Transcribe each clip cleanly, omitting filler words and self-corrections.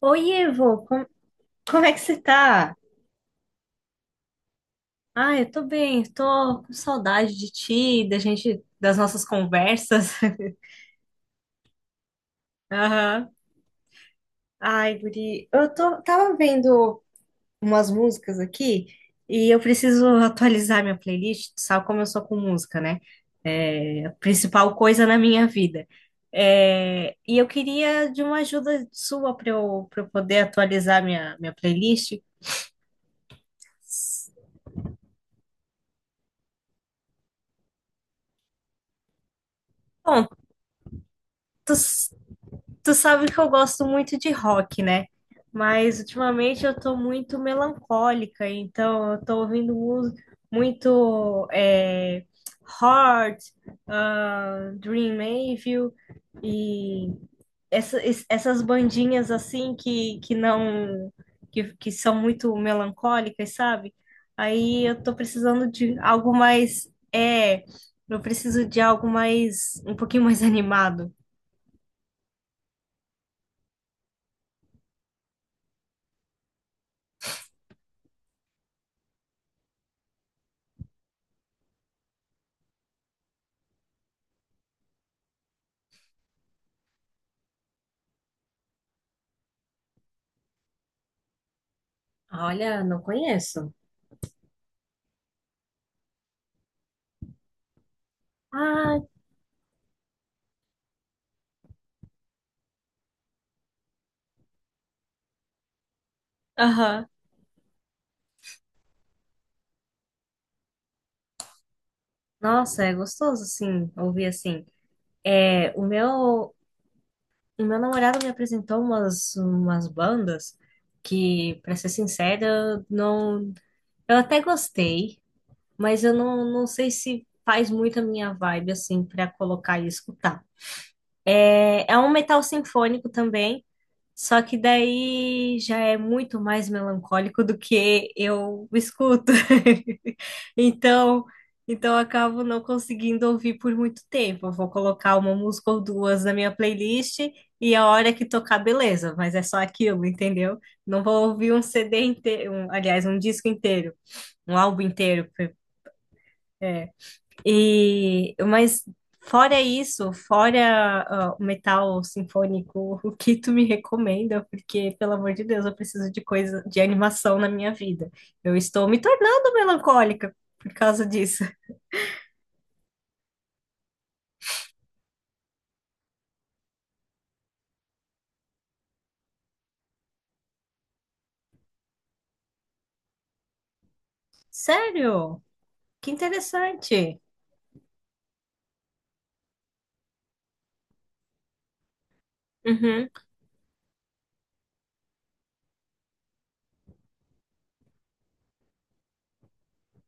Oi, Evo, como é que você tá? Ah, eu tô bem, tô com saudade de ti, da gente, das nossas conversas. Aham. Ai, Guri, tava vendo umas músicas aqui e eu preciso atualizar minha playlist, tu sabe como eu sou com música, né? É a principal coisa na minha vida. É, e eu queria de uma ajuda sua para eu, poder atualizar minha, playlist. Bom, tu Tu sabe que eu gosto muito de rock, né? Mas ultimamente eu tô muito melancólica, então eu tô ouvindo muito Heart, Dream Evil e essas bandinhas assim que não que, que são muito melancólicas, sabe? Aí eu tô precisando de algo mais eu preciso de algo mais um pouquinho mais animado. Olha, não conheço. Ah, aham. Nossa, é gostoso, assim, ouvir assim. É, o meu namorado me apresentou umas, bandas que, pra ser sincera, eu não, eu até gostei, mas eu não, não sei se faz muito a minha vibe, assim, pra colocar e escutar. É, é um metal sinfônico também. Só que daí já é muito mais melancólico do que eu escuto. Então, eu acabo não conseguindo ouvir por muito tempo. Eu vou colocar uma música ou duas na minha playlist e a hora que tocar, beleza, mas é só aquilo, entendeu? Não vou ouvir um CD inteiro, aliás, um disco inteiro, um álbum inteiro. Mas fora isso, fora o metal sinfônico, o que tu me recomenda? Porque, pelo amor de Deus, eu preciso de coisa de animação na minha vida. Eu estou me tornando melancólica por causa disso. Sério? Que interessante. Uhum.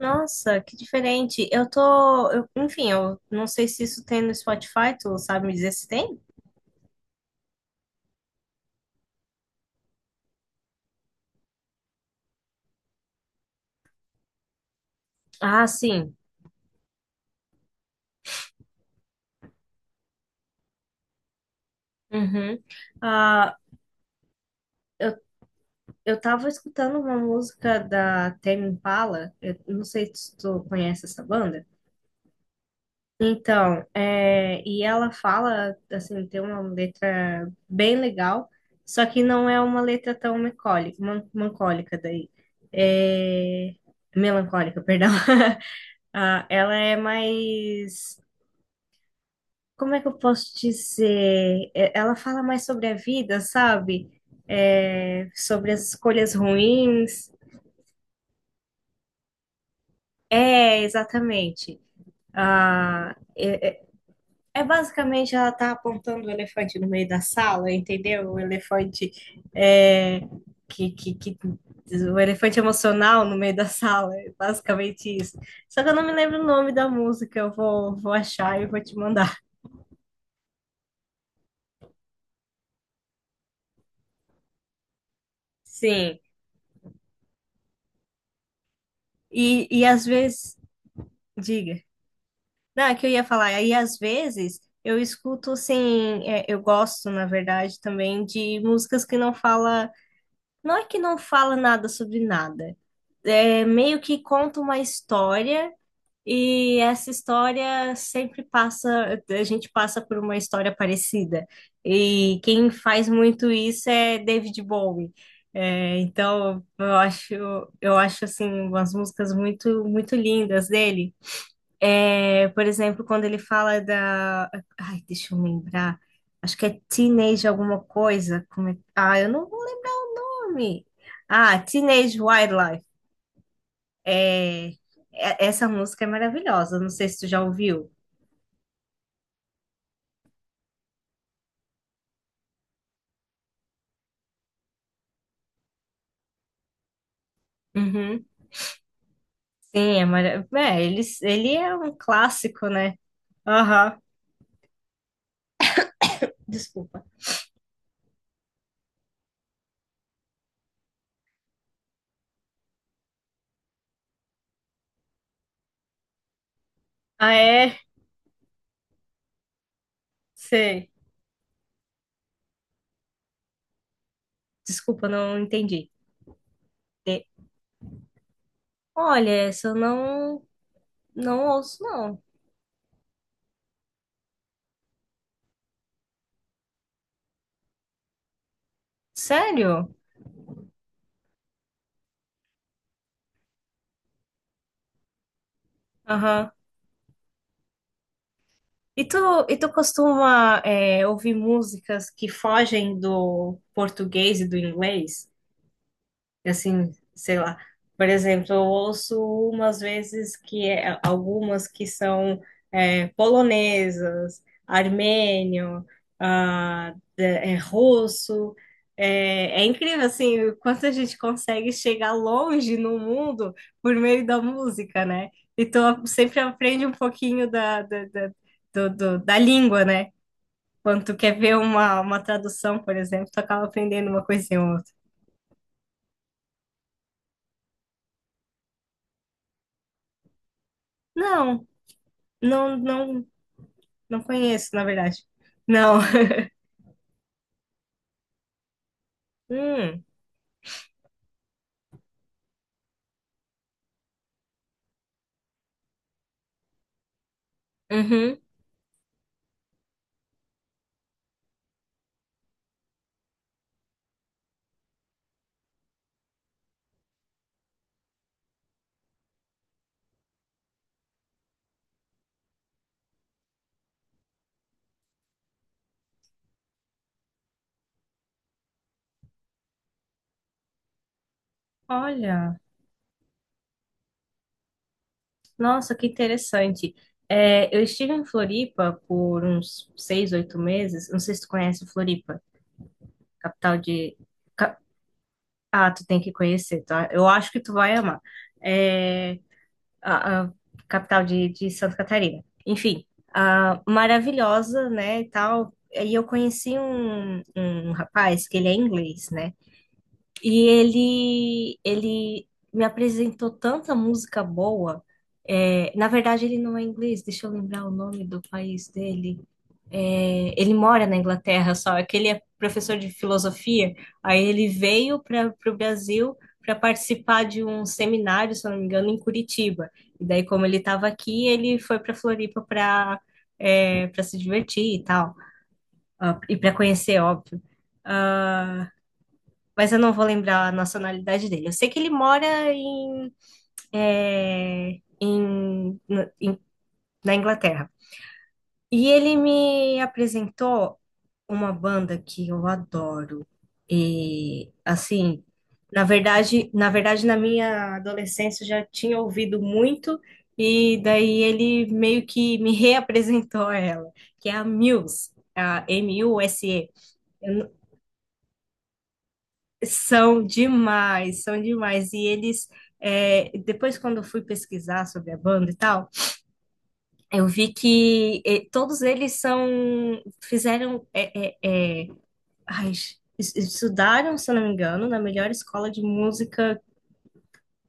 Nossa, que diferente. Enfim, eu não sei se isso tem no Spotify, tu sabe me dizer se tem? Ah, sim. Uhum. Ah, eu tava escutando uma música da Tame Impala, eu não sei se tu conhece essa banda. Então, e ela fala, assim, tem uma letra bem legal, só que não é uma letra tão melancólica, melancólica daí. É, melancólica, perdão. Ah, ela é mais, como é que eu posso dizer? Ela fala mais sobre a vida, sabe? É, sobre as escolhas ruins. É, exatamente. Ah, é basicamente ela tá apontando o elefante no meio da sala, entendeu? É, que, que, que- o elefante emocional no meio da sala, é basicamente isso. Só que eu não me lembro o nome da música, vou achar e vou te mandar. Sim, e às vezes, diga. Não, é que eu ia falar, aí às vezes eu escuto assim, eu gosto, na verdade, também de músicas que não fala, não é que não fala nada sobre nada. É meio que conta uma história e essa história sempre passa, a gente passa por uma história parecida. E quem faz muito isso é David Bowie. É, então eu acho assim umas músicas muito, muito lindas dele. É, por exemplo, quando ele fala da, ai, deixa eu lembrar, acho que é Teenage alguma coisa, eu não vou lembrar nome? Ah, Teenage Wildlife. É, Essa música é maravilhosa. Não sei se tu já ouviu. Uhum. Sim, é maravilhoso. Ele, é um clássico, né? Aham. Desculpa. Ah, é? Sei. Desculpa, não entendi. De- Olha, essa eu não, não ouço, não. Sério? Aham. E tu, e tu costuma, ouvir músicas que fogem do português e do inglês? Assim, sei lá. Por exemplo, eu ouço umas vezes algumas que polonesas, armênio, russo. É incrível, assim, o quanto a gente consegue chegar longe no mundo por meio da música, né? Então, sempre aprende um pouquinho da, da, da língua, né? Quando tu quer ver uma, tradução, por exemplo, tu acaba aprendendo uma coisinha ou outra. Não, não, não. Não conheço, na verdade. Não. Hum, uhum. Olha, nossa, que interessante. É, eu estive em Floripa por uns seis, oito meses. Não sei se tu conhece Floripa, capital de. ca- Ah, tu tem que conhecer, tá? Eu acho que tu vai amar. É a, capital de, Santa Catarina. Enfim, maravilhosa, né, e tal. E eu conheci um, rapaz que ele é inglês, né? E ele me apresentou tanta música boa. É, na verdade, ele não é inglês, deixa eu lembrar o nome do país dele. Ele mora na Inglaterra só, é que ele é professor de filosofia. Aí ele veio para o Brasil para participar de um seminário, se eu não me engano, em Curitiba. E daí, como ele estava aqui, ele foi para Floripa para se divertir e tal, e para conhecer, óbvio. Ah, mas eu não vou lembrar a nacionalidade dele. Eu sei que ele mora em, é, em- no- em- na Inglaterra. E ele me apresentou uma banda que eu adoro. E assim, na verdade, na minha adolescência eu já tinha ouvido muito, e daí ele meio que me reapresentou a ela, que é a Muse, a M-U-S-E. São demais, são demais. E eles, depois, quando eu fui pesquisar sobre a banda e tal, eu vi todos eles são, fizeram, é, é, é, ai, es- estudaram, se eu não me engano, na melhor escola de música,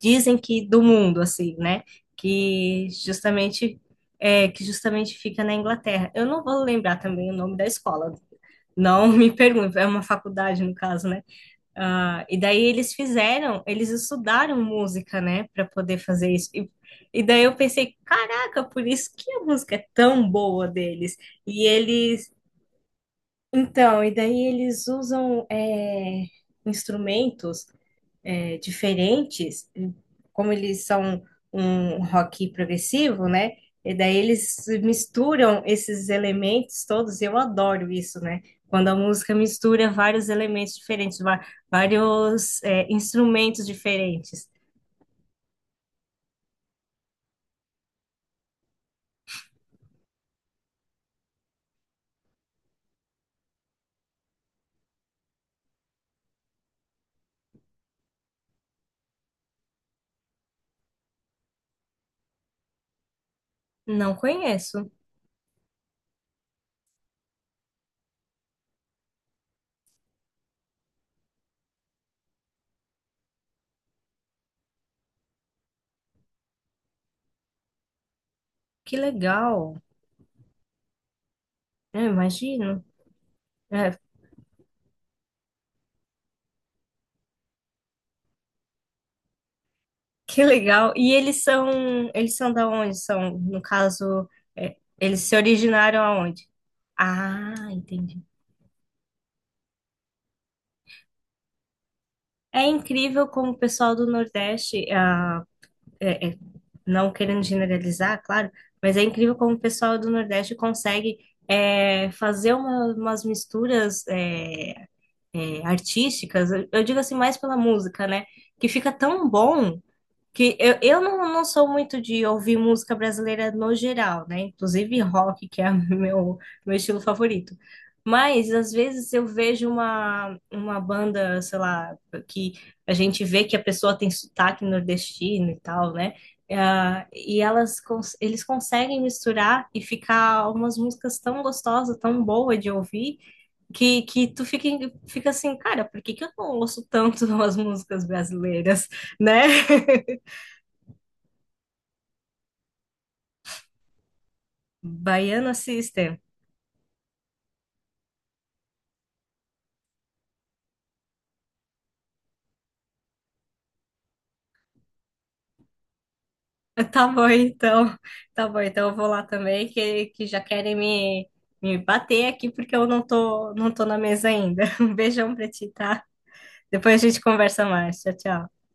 dizem que do mundo, assim, né? Que justamente, que justamente fica na Inglaterra. Eu não vou lembrar também o nome da escola, não me pergunte, é uma faculdade, no caso, né? Ah, e daí eles fizeram, eles estudaram música, né, para poder fazer isso. E daí eu pensei, caraca, por isso que a música é tão boa deles. E eles, então, e daí eles usam instrumentos diferentes, como eles são um rock progressivo, né? E daí eles misturam esses elementos todos, eu adoro isso, né? Quando a música mistura vários elementos diferentes, vários, instrumentos diferentes. Não conheço. Que legal. Eu imagino. É, que legal. E eles são, da onde? São, no caso, eles se originaram aonde? Ah, entendi. É incrível como o pessoal do Nordeste, é- é- não querendo generalizar, claro, mas é incrível como o pessoal do Nordeste consegue fazer umas misturas artísticas, eu digo assim mais pela música, né? Que fica tão bom que eu não, não sou muito de ouvir música brasileira no geral, né? Inclusive rock, que é meu estilo favorito. Mas às vezes eu vejo uma, banda, sei lá, que a gente vê que a pessoa tem sotaque nordestino e tal, né? Ah, eles conseguem misturar e ficar umas músicas tão gostosas, tão boas de ouvir, que tu fica assim, cara, por que que eu não ouço tanto as músicas brasileiras, né? Baiano System. Tá bom, então. Tá bom, então eu vou lá também, que já querem me bater aqui porque eu não tô, não tô na mesa ainda. Um beijão pra ti, tá? Depois a gente conversa mais. Tchau, tchau.